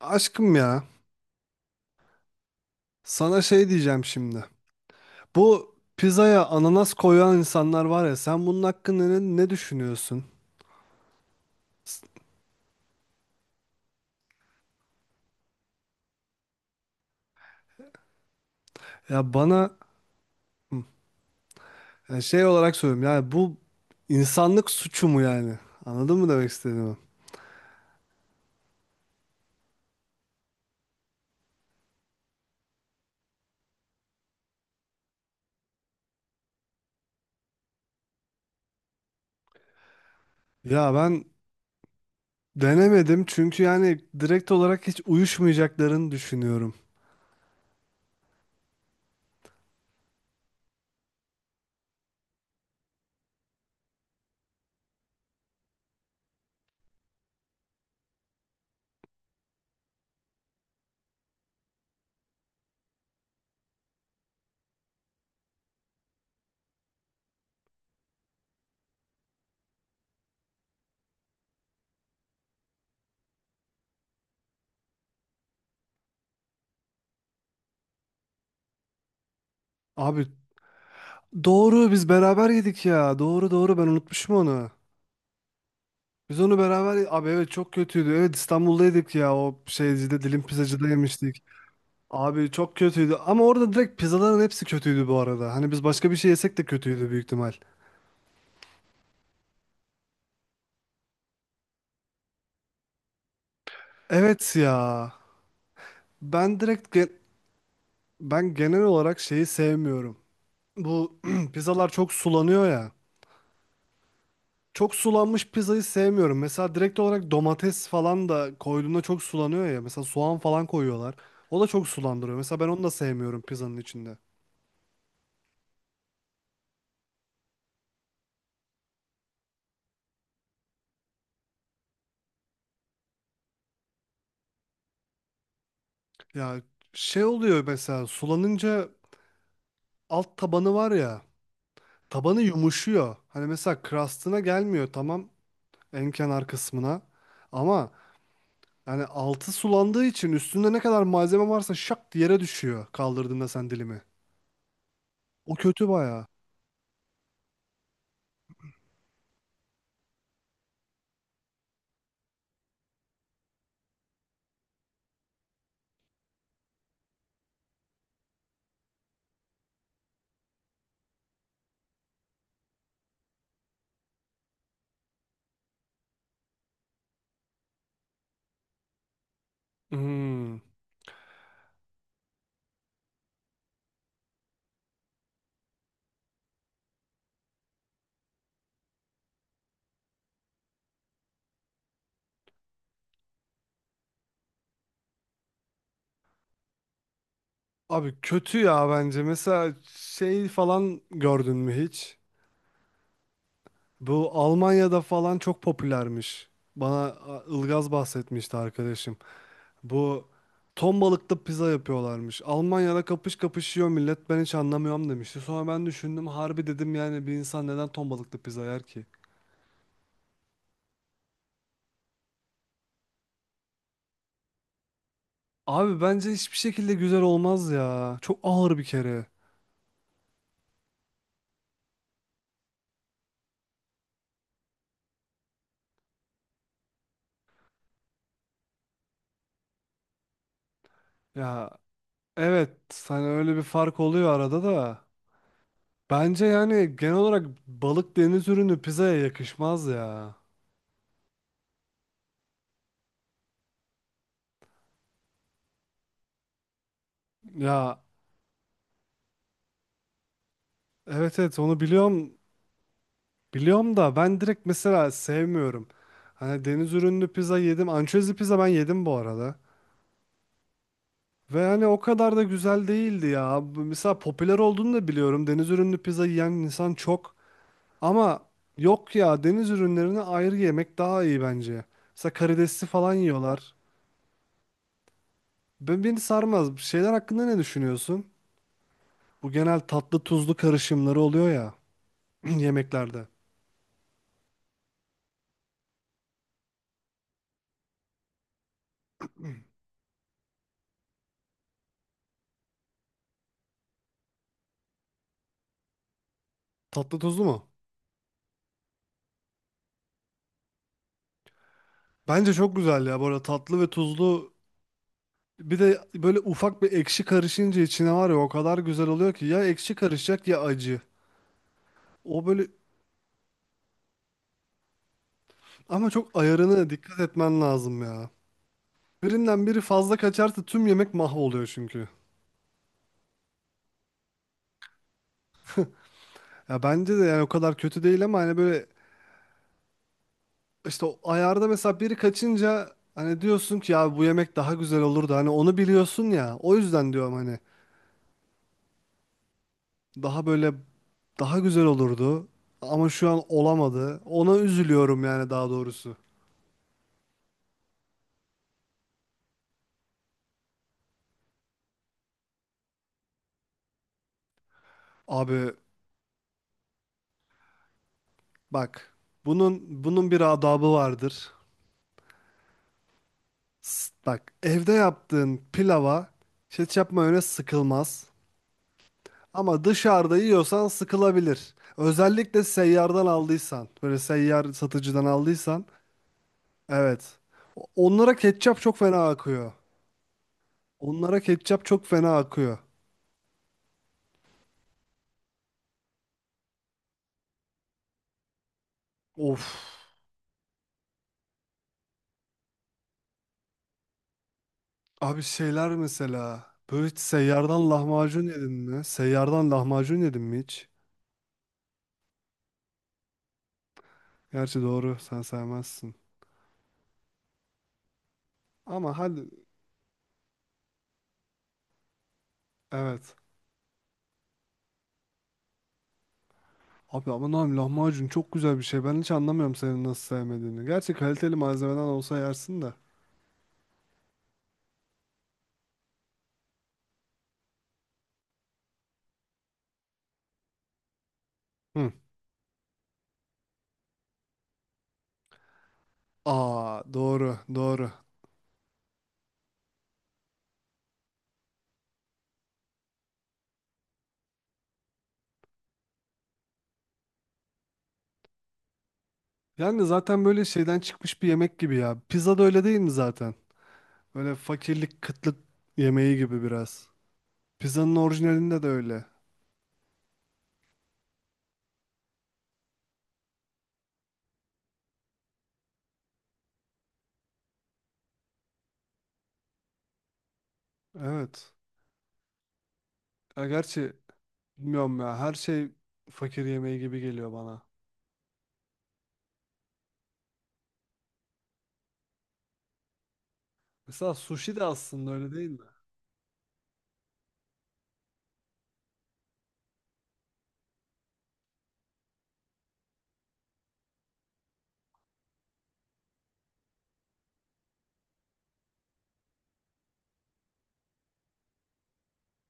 Aşkım ya, sana şey diyeceğim şimdi. Bu pizzaya ananas koyan insanlar var ya, sen bunun hakkında ne, ne düşünüyorsun? Ya bana hı, ya şey olarak söylüyorum yani bu insanlık suçu mu yani? Anladın mı demek istediğimi? Ya ben denemedim çünkü yani direkt olarak hiç uyuşmayacaklarını düşünüyorum. Abi doğru biz beraber yedik ya. Doğru doğru ben unutmuşum onu. Biz onu beraber abi evet çok kötüydü. Evet, İstanbul'daydık ya, o şeycide, dilim pizzacıda yemiştik. Abi çok kötüydü ama orada direkt pizzaların hepsi kötüydü bu arada. Hani biz başka bir şey yesek de kötüydü büyük ihtimal. Evet ya. Ben direkt ge- Ben genel olarak şeyi sevmiyorum. Bu pizzalar çok sulanıyor ya. Çok sulanmış pizzayı sevmiyorum. Mesela direkt olarak domates falan da koyduğunda çok sulanıyor ya. Mesela soğan falan koyuyorlar. O da çok sulandırıyor. Mesela ben onu da sevmiyorum pizzanın içinde. Ya şey oluyor mesela sulanınca alt tabanı var ya, tabanı yumuşuyor. Hani mesela crust'ına gelmiyor, tamam, en kenar kısmına, ama yani altı sulandığı için üstünde ne kadar malzeme varsa şak diye yere düşüyor kaldırdığında sen dilimi. O kötü bayağı. Hmm. Abi kötü ya bence. Mesela şey falan gördün mü hiç? Bu Almanya'da falan çok popülermiş. Bana a, Ilgaz bahsetmişti arkadaşım. Bu ton balıklı pizza yapıyorlarmış. Almanya'da kapış kapış yiyor millet, ben hiç anlamıyorum demişti. Sonra ben düşündüm, harbi dedim yani bir insan neden ton balıklı pizza yer ki? Abi bence hiçbir şekilde güzel olmaz ya. Çok ağır bir kere. Ya evet, hani öyle bir fark oluyor arada da. Bence yani genel olarak balık, deniz ürünü pizzaya yakışmaz ya. Ya evet evet, onu biliyorum. Biliyorum da ben direkt mesela sevmiyorum. Hani deniz ürünlü pizza yedim. Ançezli pizza ben yedim bu arada. Ve hani o kadar da güzel değildi ya. Bu mesela popüler olduğunu da biliyorum. Deniz ürünlü pizza yiyen insan çok. Ama yok ya, deniz ürünlerini ayrı yemek daha iyi bence. Mesela karidesli falan yiyorlar. Ben, beni sarmaz. Şeyler hakkında ne düşünüyorsun? Bu genel tatlı tuzlu karışımları oluyor ya yemeklerde. Tatlı tuzlu mu? Bence çok güzel ya. Bu arada tatlı ve tuzlu, bir de böyle ufak bir ekşi karışınca içine var ya, o kadar güzel oluyor ki ya ekşi karışacak ya acı. O böyle, ama çok ayarına dikkat etmen lazım ya. Birinden biri fazla kaçarsa tüm yemek mahvoluyor çünkü. Ya bence de yani o kadar kötü değil ama hani böyle işte o ayarda mesela biri kaçınca hani diyorsun ki ya bu yemek daha güzel olurdu. Hani onu biliyorsun ya. O yüzden diyorum hani daha böyle daha güzel olurdu ama şu an olamadı. Ona üzülüyorum yani, daha doğrusu. Abi bak, bunun bir adabı vardır. Bak, evde yaptığın pilava ketçap mayonez sıkılmaz. Ama dışarıda yiyorsan sıkılabilir. Özellikle seyyardan aldıysan, böyle seyyar satıcıdan aldıysan, evet. Onlara ketçap çok fena akıyor. Onlara ketçap çok fena akıyor. Of. Abi şeyler mesela, böyle hiç seyyardan lahmacun yedin mi? Seyyardan lahmacun yedin mi hiç? Gerçi doğru, sen sevmezsin. Ama hadi, evet. Abi aman abi lahmacun çok güzel bir şey. Ben hiç anlamıyorum senin nasıl sevmediğini. Gerçi kaliteli malzemeden olsa yersin de. Hı. Aa doğru doğru. Yani zaten böyle şeyden çıkmış bir yemek gibi ya. Pizza da öyle değil mi zaten? Böyle fakirlik kıtlık yemeği gibi biraz. Pizzanın orijinalinde de öyle. Evet. Ya gerçi bilmiyorum ya, her şey fakir yemeği gibi geliyor bana. Mesela sushi de aslında öyle değil mi?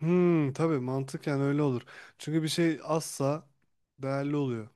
Hmm, tabii mantıken öyle olur. Çünkü bir şey azsa değerli oluyor.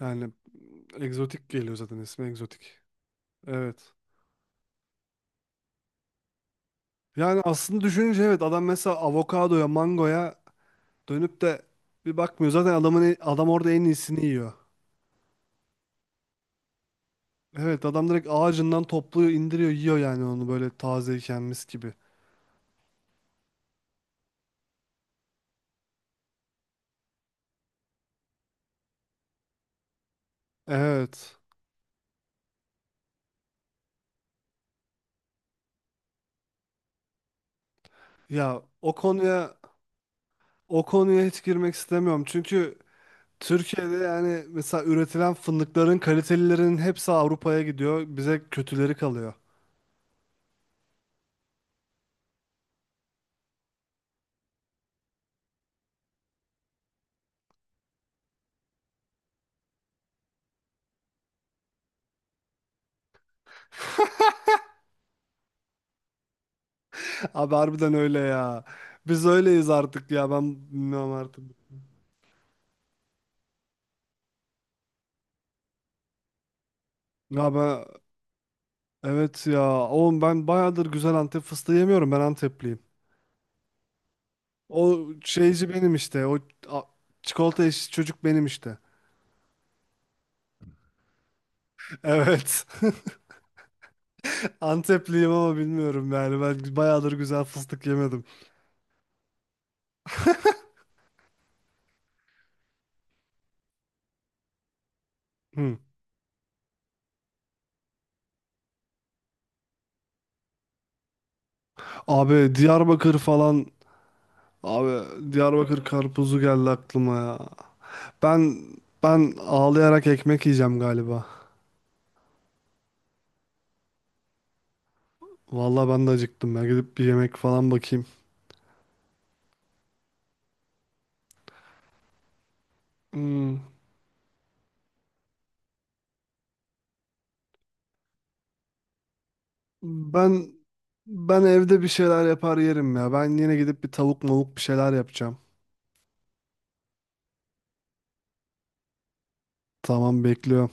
Yani egzotik geliyor, zaten ismi egzotik. Evet. Yani aslında düşününce evet, adam mesela avokadoya, mangoya dönüp de bir bakmıyor. Zaten adamın adam orada en iyisini yiyor. Evet, adam direkt ağacından topluyor, indiriyor, yiyor yani onu böyle tazeyken mis gibi. Evet. Ya o konuya hiç girmek istemiyorum. Çünkü Türkiye'de yani mesela üretilen fındıkların kalitelilerinin hepsi Avrupa'ya gidiyor. Bize kötüleri kalıyor. Abi harbiden öyle ya. Biz öyleyiz artık ya. Ben bilmiyorum artık. Ya evet ya. Oğlum ben bayağıdır güzel Antep fıstığı yemiyorum. Ben Antepliyim. O şeyci benim işte. O a- çikolata eşi çocuk benim işte. Evet. Antepliyim ama bilmiyorum yani. Ben bayağıdır güzel fıstık yemedim. Hı. Abi Diyarbakır falan. Abi Diyarbakır karpuzu geldi aklıma ya. Ben ben ağlayarak ekmek yiyeceğim galiba. Vallahi ben de acıktım. Ben gidip bir yemek falan bakayım. Hmm. Ben ben evde bir şeyler yapar yerim ya. Ben yine gidip bir tavuk mavuk bir şeyler yapacağım. Tamam, bekliyorum.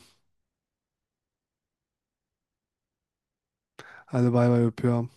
Hadi bay bay, öpüyorum.